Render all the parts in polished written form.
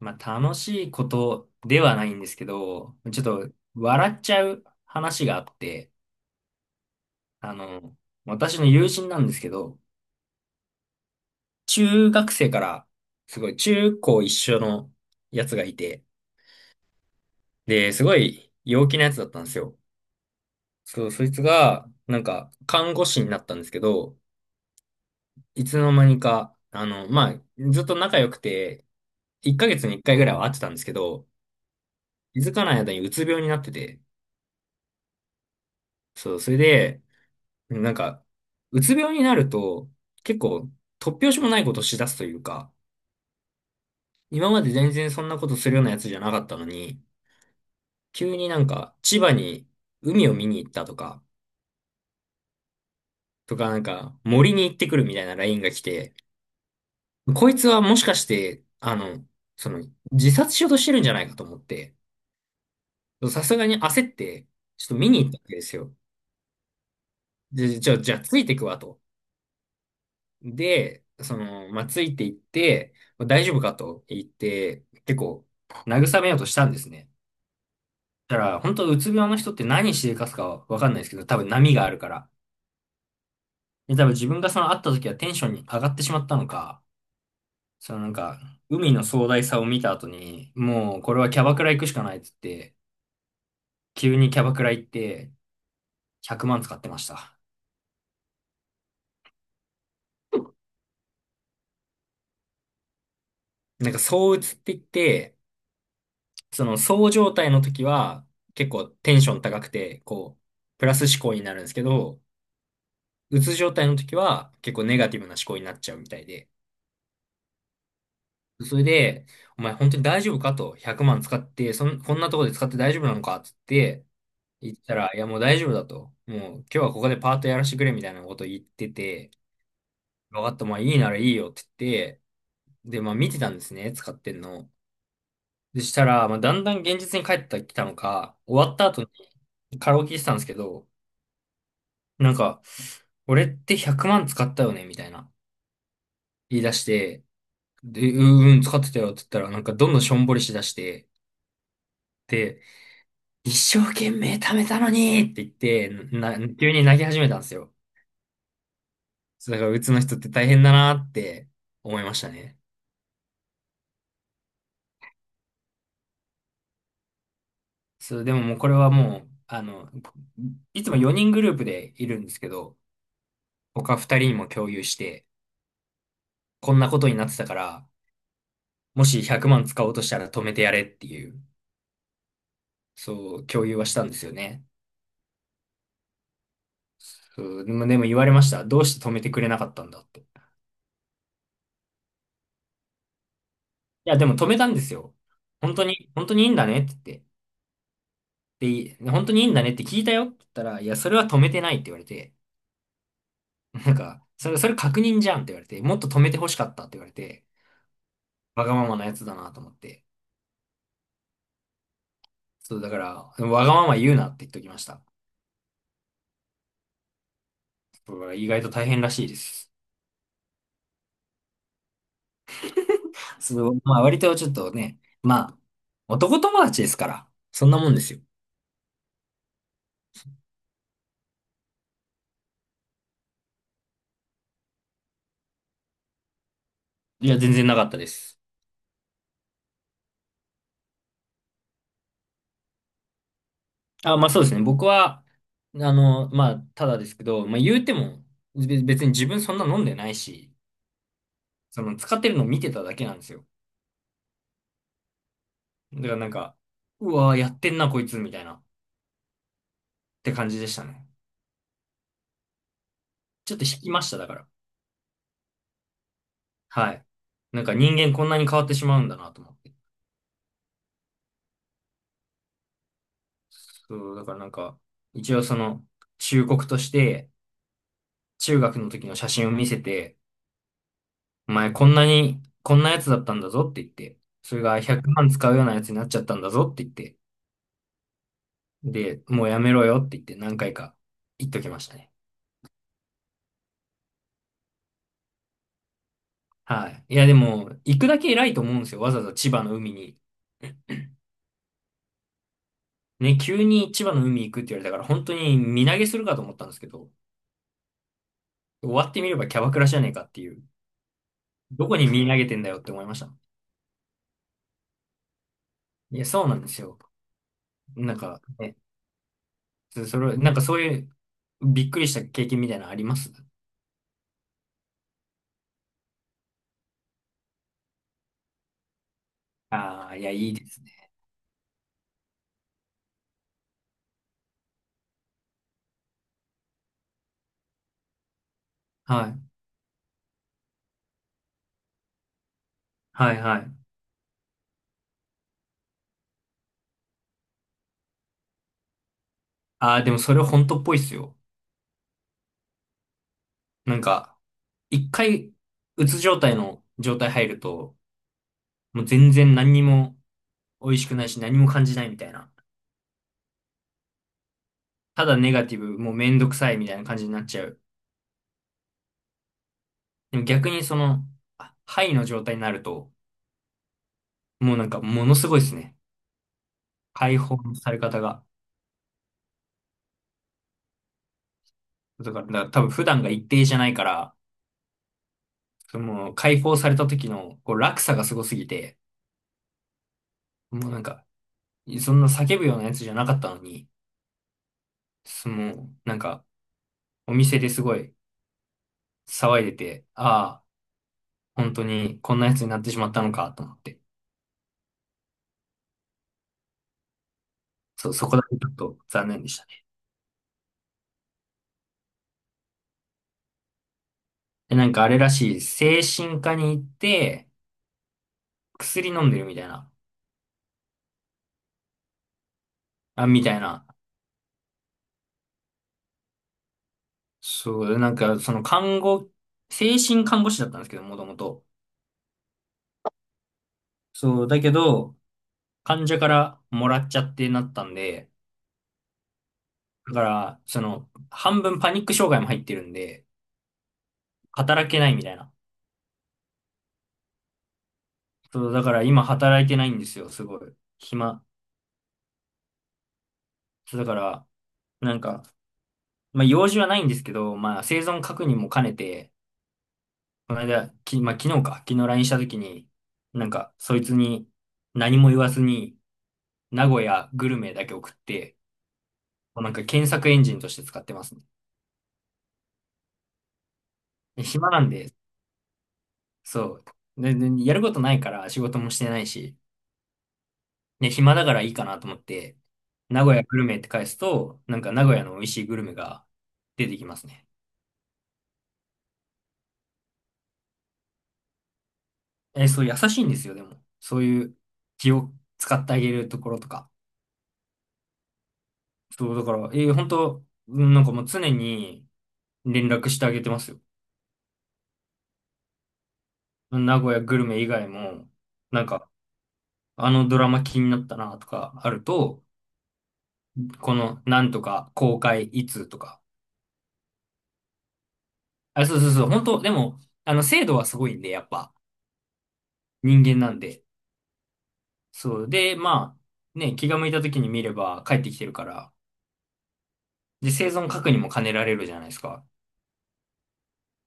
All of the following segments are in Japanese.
まあ、楽しいことではないんですけど、ちょっと笑っちゃう話があって、あの、私の友人なんですけど、中学生から、すごい中高一緒のやつがいて、で、すごい陽気なやつだったんですよ。そう、そいつが、なんか、看護師になったんですけど、いつの間にか、あの、まあ、ずっと仲良くて、1ヶ月に1回ぐらいは会ってたんですけど、気づかない間にうつ病になってて、そう、それで、でもなんか、うつ病になると、結構、突拍子もないことをしだすというか、今まで全然そんなことするようなやつじゃなかったのに、急になんか、千葉に海を見に行ったとか、とかなんか、森に行ってくるみたいなラインが来て、こいつはもしかして、あの、その、自殺しようとしてるんじゃないかと思って、さすがに焦って、ちょっと見に行ったわけですよ。で、じゃあついてくわと。で、その、まあ、ついていって、まあ大丈夫かと言って、結構、慰めようとしたんですね。だから、本当うつ病の人って何しでかすかわかんないですけど、多分波があるから。で、多分自分がその会った時はテンションに上がってしまったのか、そのなんか、海の壮大さを見た後に、もうこれはキャバクラ行くしかないっつって、急にキャバクラ行って、100万使ってました。なんか、躁鬱って言って、その、そう状態の時は、結構テンション高くて、こう、プラス思考になるんですけど、うつ状態の時は、結構ネガティブな思考になっちゃうみたいで。それで、お前本当に大丈夫かと、100万使って、こんなところで使って大丈夫なのかっつって言ったら、いやもう大丈夫だと。もう今日はここでパートやらせてくれみたいなこと言ってて、分かった、まあいいならいいよって言って、で、まあ見てたんですね、使ってんの。でしたら、まあだんだん現実に帰ってきたのか、終わった後にカラオケしてたんですけど、なんか、俺って100万使ったよねみたいな言い出して、で、うんうん、使ってたよって言ったら、なんかどんどんしょんぼりしだして、で、一生懸命貯めたのにって言って、急に泣き始めたんですよ。そうだから、うつの人って大変だなって思いましたね。そう、でももうこれはもう、あの、いつも4人グループでいるんですけど、他2人にも共有して、こんなことになってたから、もし100万使おうとしたら止めてやれっていう、そう、共有はしたんですよね。そうでも言われました。どうして止めてくれなかったんだって。いや、でも止めたんですよ。本当に、本当にいいんだねって言って。で、本当にいいんだねって聞いたよって言ったら、いや、それは止めてないって言われて、なんか、それ確認じゃんって言われて、もっと止めて欲しかったって言われて、わがままなやつだなと思って。そう、だから、わがまま言うなって言っときました。これは意外と大変らしいです。そう、まあ割とちょっとね、まあ、男友達ですから、そんなもんですよ。いや、全然なかったです。あ、まあそうですね。僕は、あの、まあ、ただですけど、まあ言うても、別に自分そんな飲んでないし、その使ってるのを見てただけなんですよ。だからなんか、うわー、やってんな、こいつ、みたいな、って感じでしたね。ちょっと引きました、だから。はい。なんか人間こんなに変わってしまうんだなと思って。そう、だからなんか、一応その、忠告として、中学の時の写真を見せて、お前こんなに、こんなやつだったんだぞって言って、それが100万使うようなやつになっちゃったんだぞって言って、で、もうやめろよって言って何回か言っときましたね。はい。いや、でも、行くだけ偉いと思うんですよ。わざわざ千葉の海に。ね、急に千葉の海行くって言われたから、本当に身投げするかと思ったんですけど、終わってみればキャバクラじゃねえかっていう。どこに身投げてんだよって思いました。いや、そうなんですよ。なんか、ね、そそれ、なんかそういうびっくりした経験みたいなのあります？ああー、いや、いいですね。はい。はい、はい。ああ、でもそれ本当っぽいっすよ。なんか、一回、うつ状態の状態入ると、もう全然何にも美味しくないし何も感じないみたいな。ただネガティブ、もうめんどくさいみたいな感じになっちゃう。でも逆にその、あハイの状態になると、もうなんかものすごいですね。解放のされ方が。だから、だから多分普段が一定じゃないから、その解放された時のこう落差がすごすぎて、もうなんか、そんな叫ぶようなやつじゃなかったのに、その、なんか、お店ですごい騒いでて、ああ、本当にこんなやつになってしまったのかと思って。そこだけちょっと残念でしたね。で、なんかあれらしい、精神科に行って、薬飲んでるみたいな、あ、みたいな。そう、なんかその看護、精神看護師だったんですけど、もともと。そう、だけど、患者からもらっちゃってなったんで、だから、その、半分パニック障害も入ってるんで、働けないみたいな。そう、だから今働いてないんですよ、すごい。暇。そう、だから、なんか、まあ、用事はないんですけど、まあ、生存確認も兼ねて、この間、まあ、昨日か、昨日 LINE したときに、なんか、そいつに何も言わずに、名古屋グルメだけ送って、もうなんか検索エンジンとして使ってますね。で暇なんで、そう。で、でやることないから仕事もしてないし、で、暇だからいいかなと思って、名古屋グルメって返すと、なんか名古屋の美味しいグルメが出てきますね。え、そう、優しいんですよ、でも。そういう気を使ってあげるところとか。そう、だから、えー、本当、うんなんかもう常に、連絡してあげてますよ。名古屋グルメ以外も、なんか、あのドラマ気になったなとかあると、このなんとか公開いつとか。あ、そうそうそう、本当でも、あの、精度はすごいんで、やっぱ、人間なんで。そう。で、まあ、ね、気が向いた時に見れば帰ってきてるから、で、生存確認も兼ねられるじゃないですか。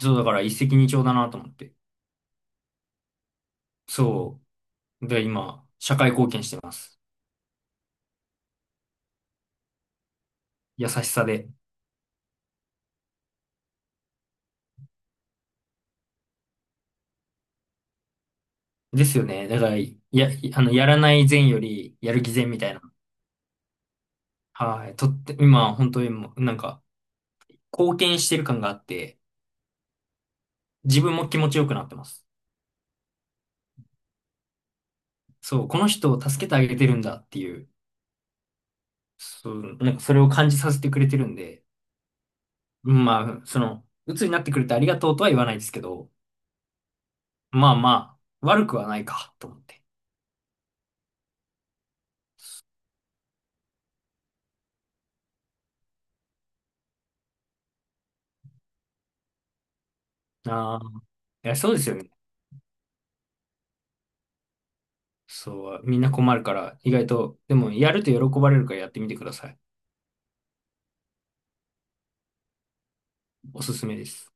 そう、だから一石二鳥だなと思って。そう。で、今、社会貢献してます。優しさで。ですよね。だから、や、あの、やらない善より、やる偽善みたいな。はい。とって、今、本当にもう、なんか、貢献してる感があって、自分も気持ちよくなってます。そう、この人を助けてあげてるんだっていう、そう、なんかそれを感じさせてくれてるんで、まあ、その、鬱になってくれてありがとうとは言わないですけど、まあまあ、悪くはないか、と思って。ああ、いや、そうですよね。そう、みんな困るから、意外と、でも、やると喜ばれるからやってみてください。おすすめです。